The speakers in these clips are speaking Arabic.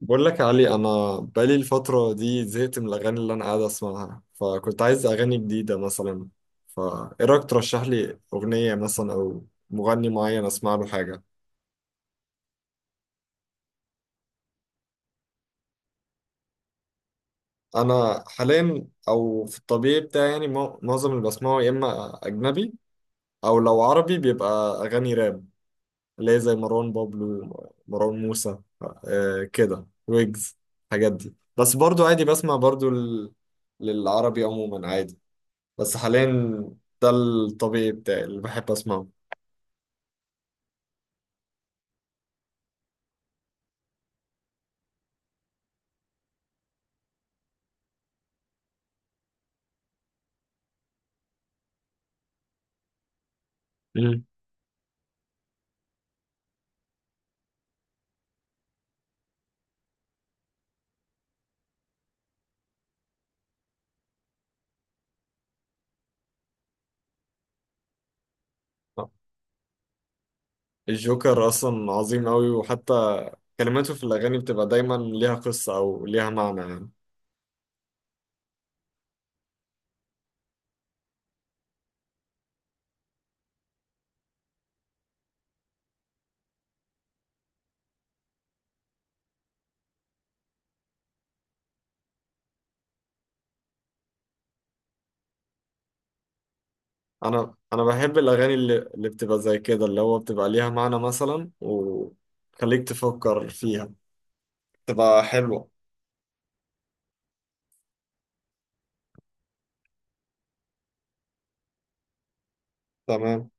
بقول لك يا علي، انا بقالي الفتره دي زهقت من الاغاني اللي انا قاعد اسمعها، فكنت عايز اغاني جديده مثلا. فايه رايك ترشح لي اغنيه مثلا او مغني معين اسمع له حاجه. انا حاليا او في الطبيعي بتاعي معظم اللي بسمعه يا اما اجنبي، او لو عربي بيبقى اغاني راب، اللي هي زي مروان بابلو، مروان موسى، كده ويجز. الحاجات دي بس. برضو عادي بسمع برضو للعربي عموما عادي، بس حاليا ده الطبيعي بتاعي اللي بحب اسمعه. مم. الجوكر اصلا عظيم قوي، وحتى كلماته في الاغاني بتبقى دايما ليها قصة او ليها معنى يعني. انا بحب الاغاني اللي بتبقى زي كده، اللي هو بتبقى ليها معنى مثلا وخليك تفكر فيها، بتبق حلوة. تمام.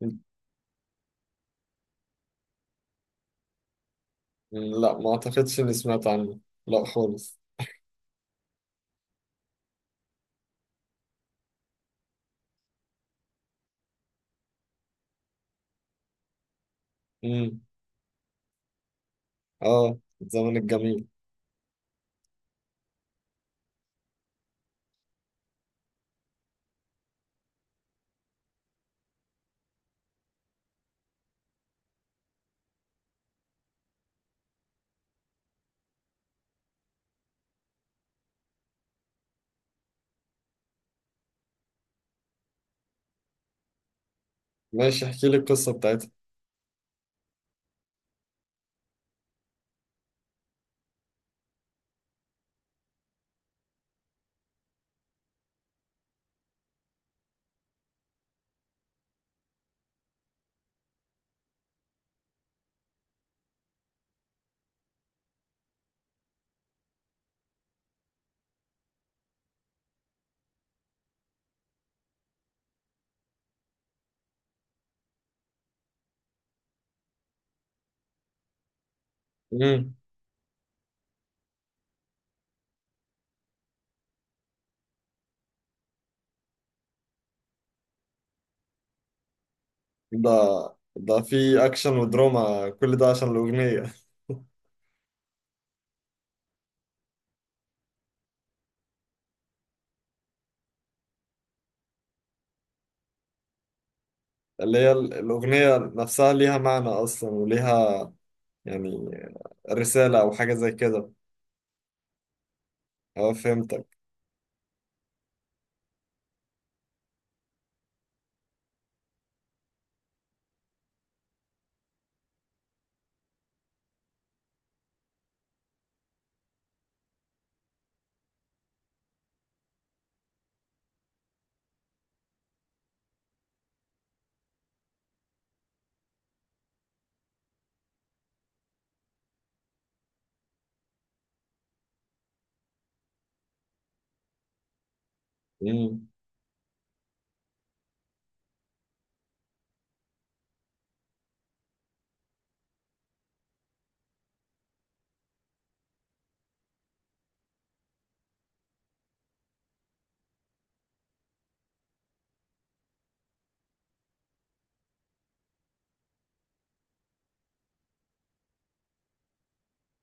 م- لا، ما اعتقدش اني سمعت عنه. لا خالص. امم اه الزمن الجميل. ماشي احكي لي القصة بتاعتها. ده؟ ده في اكشن ودراما كل ده عشان الاغنيه؟ اللي الاغنيه نفسها ليها معنى اصلا وليها يعني رساله او حاجه زي كده. اه فهمتك. مم.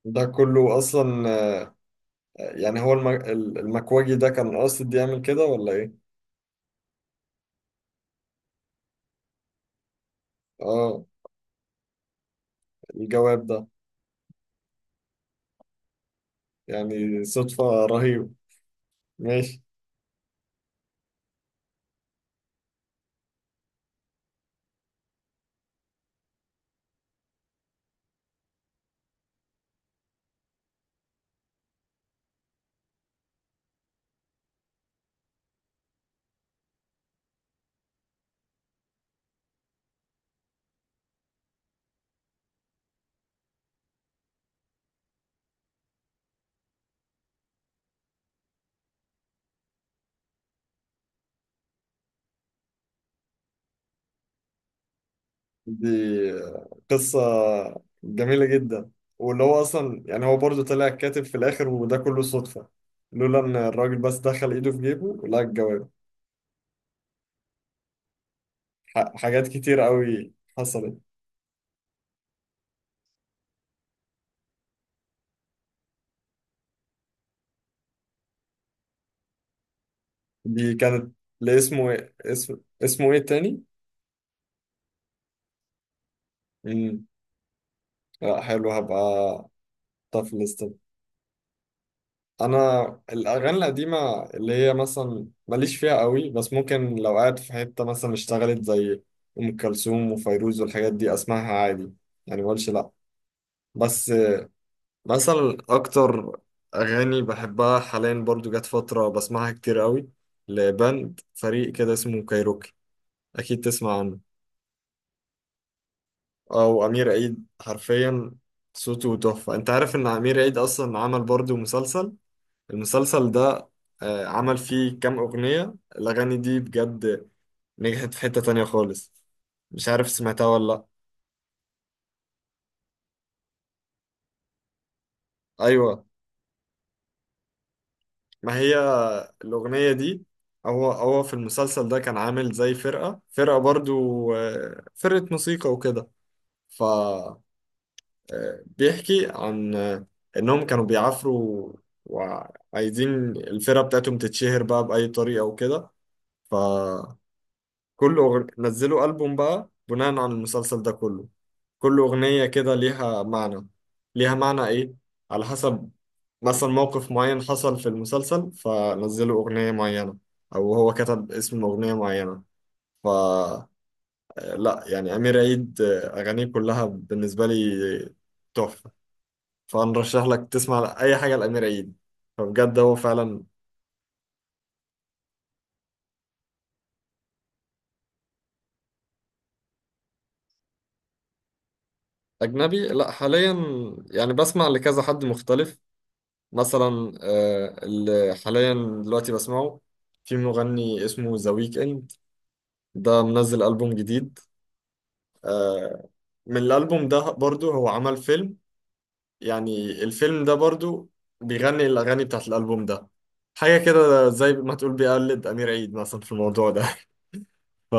ده كله اصلا؟ يعني هو المكواجي ده كان قاصد يعمل كده ولا ايه؟ اه الجواب ده؟ يعني صدفه رهيبه. ماشي. دي قصة جميلة جدا، واللي هو أصلا يعني هو برضه طلع كاتب في الآخر، وده كله صدفة، لولا إن الراجل بس دخل إيده في جيبه لقى الجواب. حاجات كتير قوي حصلت. دي كانت لاسمه إيه اسم اسمه إيه تاني؟ مم. لا حلو، هبقى طف ليست. أنا الأغاني القديمة اللي هي مثلا ماليش فيها قوي، بس ممكن لو قاعد في حتة مثلا اشتغلت زي أم كلثوم وفيروز والحاجات دي أسمعها عادي، يعني مقولش لأ. بس مثلا اكتر اغاني بحبها حاليا، برضو جت فتره بسمعها كتير قوي، لبند فريق كده اسمه كايروكي، اكيد تسمع عنه. او امير عيد حرفيا صوته تحفه. انت عارف ان امير عيد اصلا عمل برضو مسلسل؟ المسلسل ده عمل فيه كام اغنيه، الاغاني دي بجد نجحت في حته تانية خالص. مش عارف سمعتها ولا لا. ايوه، ما هي الأغنية دي، هو في المسلسل ده كان عامل زي فرقة، برضو فرقة موسيقى وكده. ف آه، بيحكي عن إنهم كانوا بيعافروا وعايزين الفرقة بتاعتهم تتشهر بقى بأي طريقة وكده. فكل نزلوا ألبوم بقى بناء على المسلسل ده كله، كل أغنية كده ليها معنى. ليها معنى إيه؟ على حسب مثلا موقف معين حصل في المسلسل فنزلوا أغنية معينة، أو هو كتب اسم أغنية معينة. ف لا، يعني أمير عيد أغانيه كلها بالنسبة لي تحفة. فنرشح لك تسمع أي حاجة لأمير عيد، فبجد هو فعلا. أجنبي؟ لا، حاليا يعني بسمع لكذا حد مختلف. مثلا اللي حاليا دلوقتي بسمعه، في مغني اسمه ذا ويك. ده منزل ألبوم جديد، آه، من الألبوم ده برضو هو عمل فيلم، يعني الفيلم ده برضو بيغني الأغاني بتاعت الألبوم ده. حاجة كده زي ما تقول بيقلد أمير عيد مثلا في الموضوع ده. ف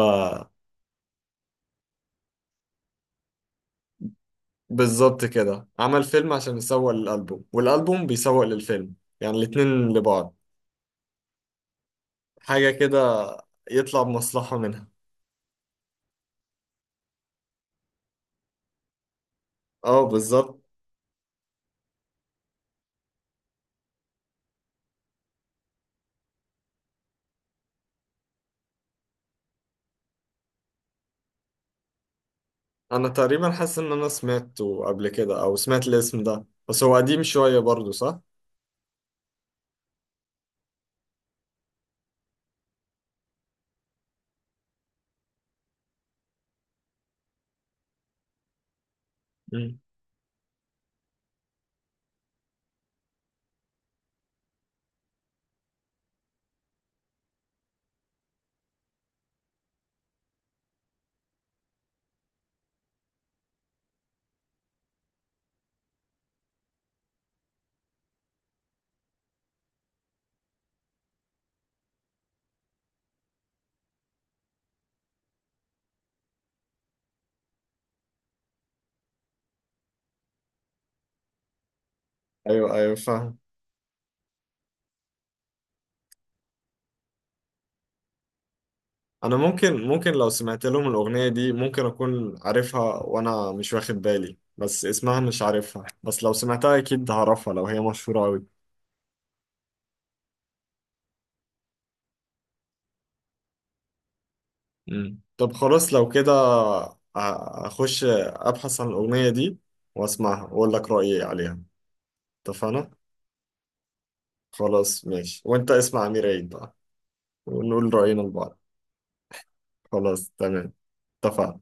بالظبط كده، عمل فيلم عشان يسوق للألبوم، والألبوم بيسوق للفيلم. يعني الاتنين لبعض، حاجة كده. يطلع بمصلحة منها. اه بالظبط. أنا تقريبا حاسس إن أنا سمعته قبل كده أو سمعت الاسم ده، بس هو قديم شوية برضو صح؟ مم. ايوه ايوه فاهم. انا ممكن لو سمعت لهم الاغنيه دي ممكن اكون عارفها وانا مش واخد بالي، بس اسمها مش عارفها، بس لو سمعتها اكيد هعرفها لو هي مشهوره قوي. مم. طب خلاص لو كده اخش ابحث عن الاغنيه دي واسمعها واقول لك رايي عليها. اتفقنا. خلاص ماشي، وانت اسمع امير عيد بقى، ونقول راينا لبعض. خلاص تمام. اتفقنا.